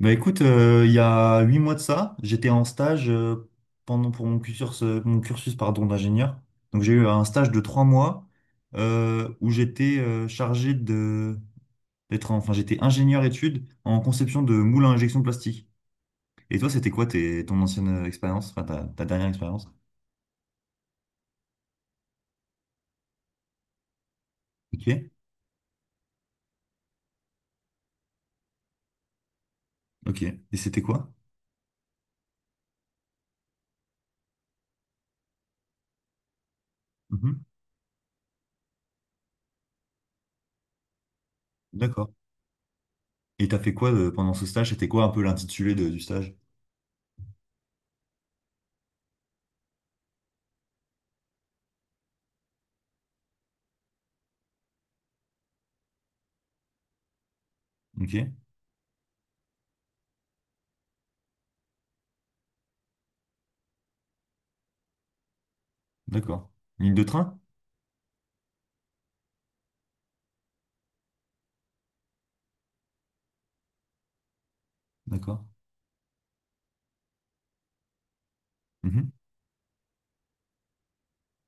Bah écoute, il y a huit mois de ça, j'étais en stage pendant pour mon cursus pardon, d'ingénieur. Donc j'ai eu un stage de trois mois où j'étais chargé de d'être enfin j'étais ingénieur études en conception de moules à injection plastique. Et toi, c'était quoi tes, ton ancienne expérience, enfin ta dernière expérience? Ok, ok. Et c'était quoi? Mhm. D'accord. Et t'as fait quoi pendant ce stage? C'était quoi un peu l'intitulé du stage? Ok, d'accord. Ligne de train? D'accord.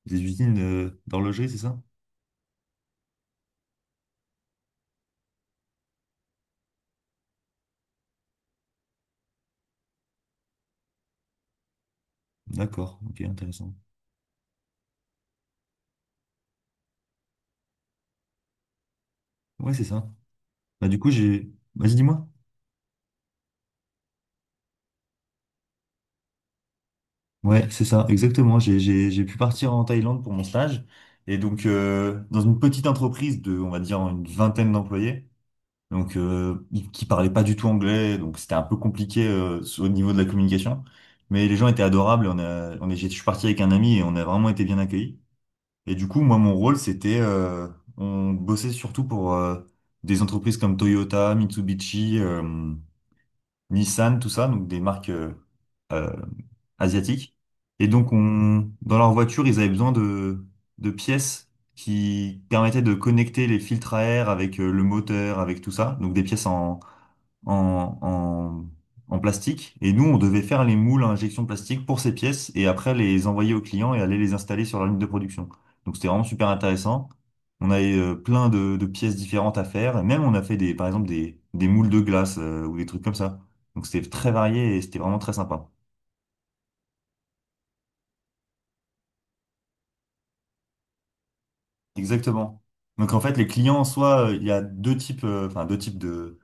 Des usines d'horlogerie, c'est ça? D'accord, ok, intéressant. Ouais, c'est ça. Bah, du coup, j'ai. Vas-y, dis-moi. Ouais, c'est ça, exactement. J'ai pu partir en Thaïlande pour mon stage. Et donc, dans une petite entreprise de, on va dire, une vingtaine d'employés, donc qui parlaient pas du tout anglais, donc c'était un peu compliqué au niveau de la communication. Mais les gens étaient adorables. On a, on est, j'ai- je suis parti avec un ami et on a vraiment été bien accueillis. Et du coup, moi, mon rôle, c'était, on bossait surtout pour des entreprises comme Toyota, Mitsubishi, Nissan, tout ça, donc des marques euh, asiatiques. Et donc, on, dans leur voiture, ils avaient besoin de, pièces qui permettaient de connecter les filtres à air avec le moteur, avec tout ça, donc des pièces en, en, en plastique. Et nous, on devait faire les moules à injection plastique pour ces pièces et après les envoyer aux clients et aller les installer sur leur ligne de production. Donc c'était vraiment super intéressant. On avait plein de pièces différentes à faire. Et même on a fait des, par exemple, des moules de glace ou des trucs comme ça. Donc c'était très varié et c'était vraiment très sympa. Exactement. Donc en fait, les clients, soit il y a deux types, enfin deux types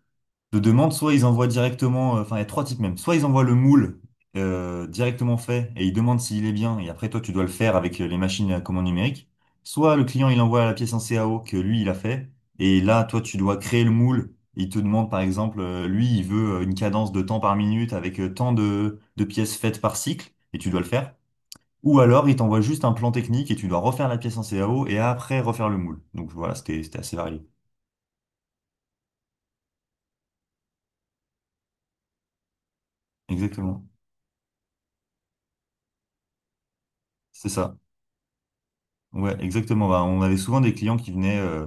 de demande, soit ils envoient directement, enfin il y a trois types même, soit ils envoient le moule directement fait et ils demandent s'il est bien et après toi tu dois le faire avec les machines à commande numérique, soit le client il envoie la pièce en CAO que lui il a fait et là toi tu dois créer le moule, il te demande par exemple, lui il veut une cadence de temps par minute avec tant de, pièces faites par cycle et tu dois le faire. Ou alors, il t'envoie juste un plan technique et tu dois refaire la pièce en CAO et après refaire le moule. Donc voilà, c'était assez varié. Exactement. C'est ça. Ouais, exactement. Bah, on avait souvent des clients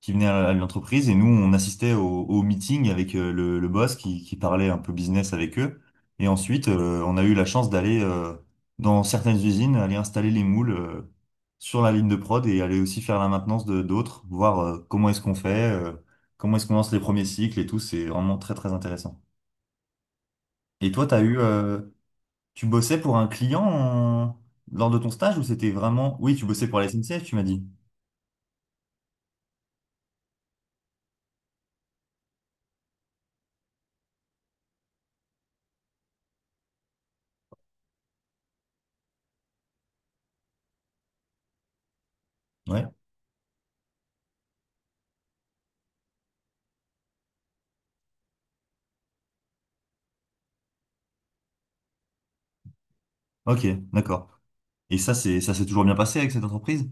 qui venaient à l'entreprise et nous, on assistait au, meeting avec le, boss qui parlait un peu business avec eux. Et ensuite, on a eu la chance d'aller dans certaines usines, aller installer les moules sur la ligne de prod et aller aussi faire la maintenance de d'autres, voir comment est-ce qu'on fait, comment est-ce qu'on lance les premiers cycles et tout. C'est vraiment très, très intéressant. Et toi, t'as eu, tu bossais pour un client lors de ton stage ou c'était vraiment... Oui, tu bossais pour la SNCF, tu m'as dit. Ouais. Ok, d'accord. Et ça, c'est ça s'est toujours bien passé avec cette entreprise?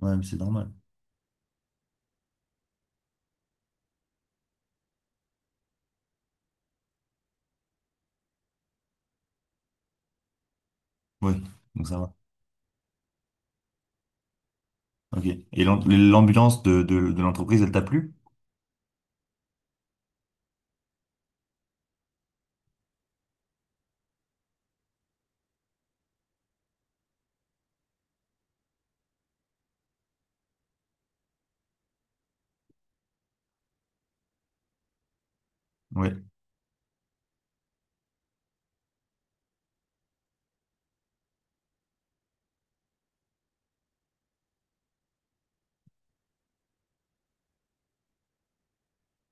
Ouais, mais c'est normal. Oui, donc ça va. Ok. Et l'ambiance de, de l'entreprise, elle t'a plu? Ouais.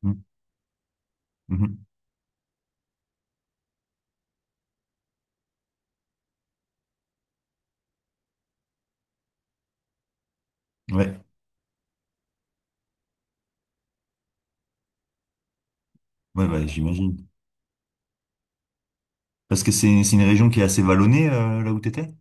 Mm, mhm. Ouais. Ouais, ouais, j'imagine. Parce que c'est une région qui est assez vallonnée, là où t'étais?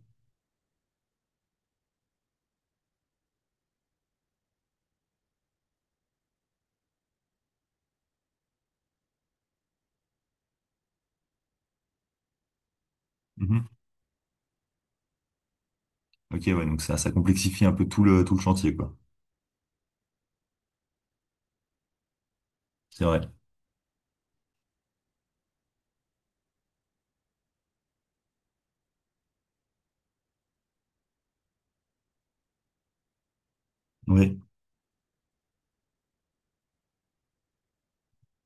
Mhm. Ok, ouais, donc ça complexifie un peu tout le, chantier, quoi. C'est vrai. Oui.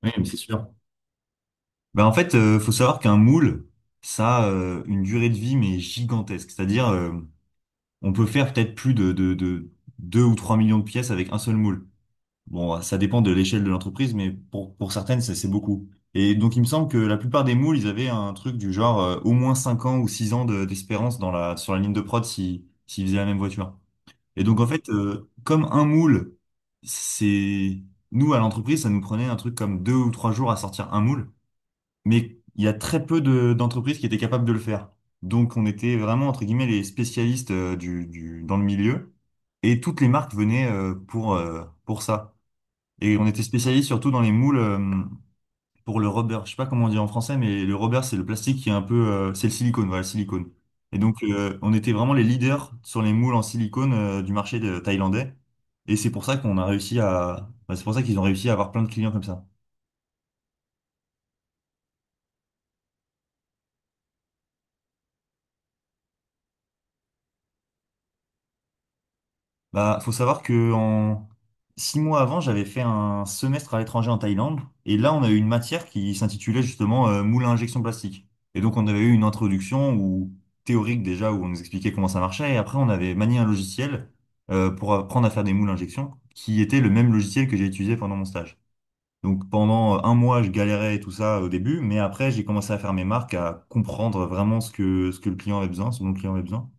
Oui, mais c'est sûr. Ben, en fait, faut savoir qu'un moule, ça a une durée de vie, mais gigantesque. C'est-à-dire, on peut faire peut-être plus de, 2 ou 3 millions de pièces avec un seul moule. Bon, ça dépend de l'échelle de l'entreprise, mais pour certaines, c'est beaucoup. Et donc, il me semble que la plupart des moules, ils avaient un truc du genre au moins 5 ans ou 6 ans d'espérance dans la, sur la ligne de prod si, s'ils faisaient la même voiture. Et donc, en fait, comme un moule, c'est... Nous, à l'entreprise, ça nous prenait un truc comme deux ou trois jours à sortir un moule, mais il y a très peu d'entreprises qui étaient capables de le faire. Donc, on était vraiment, entre guillemets, les spécialistes dans le milieu. Et toutes les marques venaient pour ça. Et on était spécialisé surtout dans les moules pour le rubber. Je sais pas comment on dit en français, mais le rubber, c'est le plastique qui est un peu... c'est le silicone, voilà, le silicone. Et donc, on était vraiment les leaders sur les moules en silicone du marché thaïlandais. Et c'est pour ça qu'on a réussi à... bah, c'est pour ça qu'ils ont réussi à avoir plein de clients comme ça. Bah, faut savoir que en six mois avant, j'avais fait un semestre à l'étranger en Thaïlande, et là, on a eu une matière qui s'intitulait justement moule à injection plastique. Et donc, on avait eu une introduction ou théorique déjà où on nous expliquait comment ça marchait, et après, on avait manié un logiciel pour apprendre à faire des moules à injection, qui était le même logiciel que j'ai utilisé pendant mon stage. Donc, pendant un mois, je galérais et tout ça au début, mais après, j'ai commencé à faire mes marques, à comprendre vraiment ce que le client avait besoin, ce dont le client avait besoin.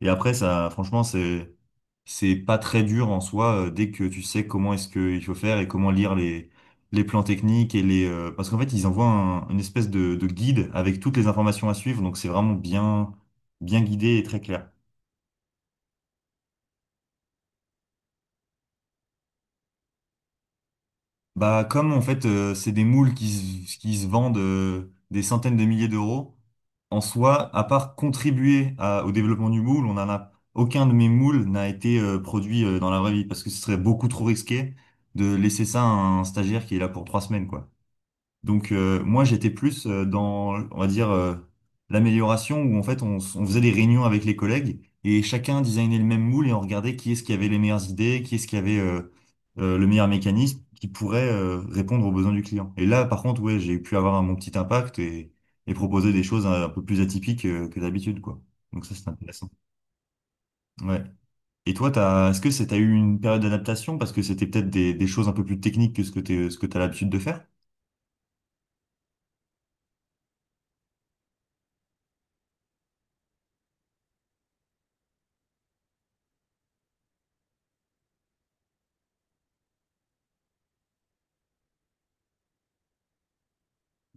Et après, ça, franchement, c'est, pas très dur en soi, dès que tu sais comment est-ce qu'il faut faire et comment lire les, plans techniques et les, parce qu'en fait, ils envoient une espèce de, guide avec toutes les informations à suivre, donc c'est vraiment bien guidé et très clair. Bah, comme en fait, c'est des moules qui se vendent des centaines de milliers d'euros, en soi, à part contribuer au développement du moule, aucun de mes moules n'a été produit dans la vraie vie parce que ce serait beaucoup trop risqué de laisser ça à un stagiaire qui est là pour trois semaines, quoi. Donc moi j'étais plus dans, on va dire, l'amélioration où en fait on, on faisait des réunions avec les collègues et chacun designait le même moule et on regardait qui est-ce qui avait les meilleures idées, qui est-ce qui avait le meilleur mécanisme qui pourrait répondre aux besoins du client. Et là par contre ouais j'ai pu avoir mon petit impact et proposer des choses un peu plus atypiques que d'habitude quoi. Donc ça c'est intéressant. Ouais. Et toi t'as, est-ce que c'est, t'as eu une période d'adaptation parce que c'était peut-être des choses un peu plus techniques que ce que t'es, ce que t'as l'habitude de faire?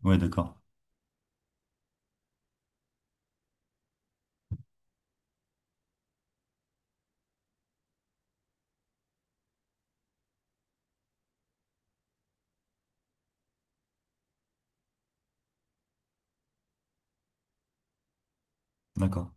Ouais d'accord, d'accord.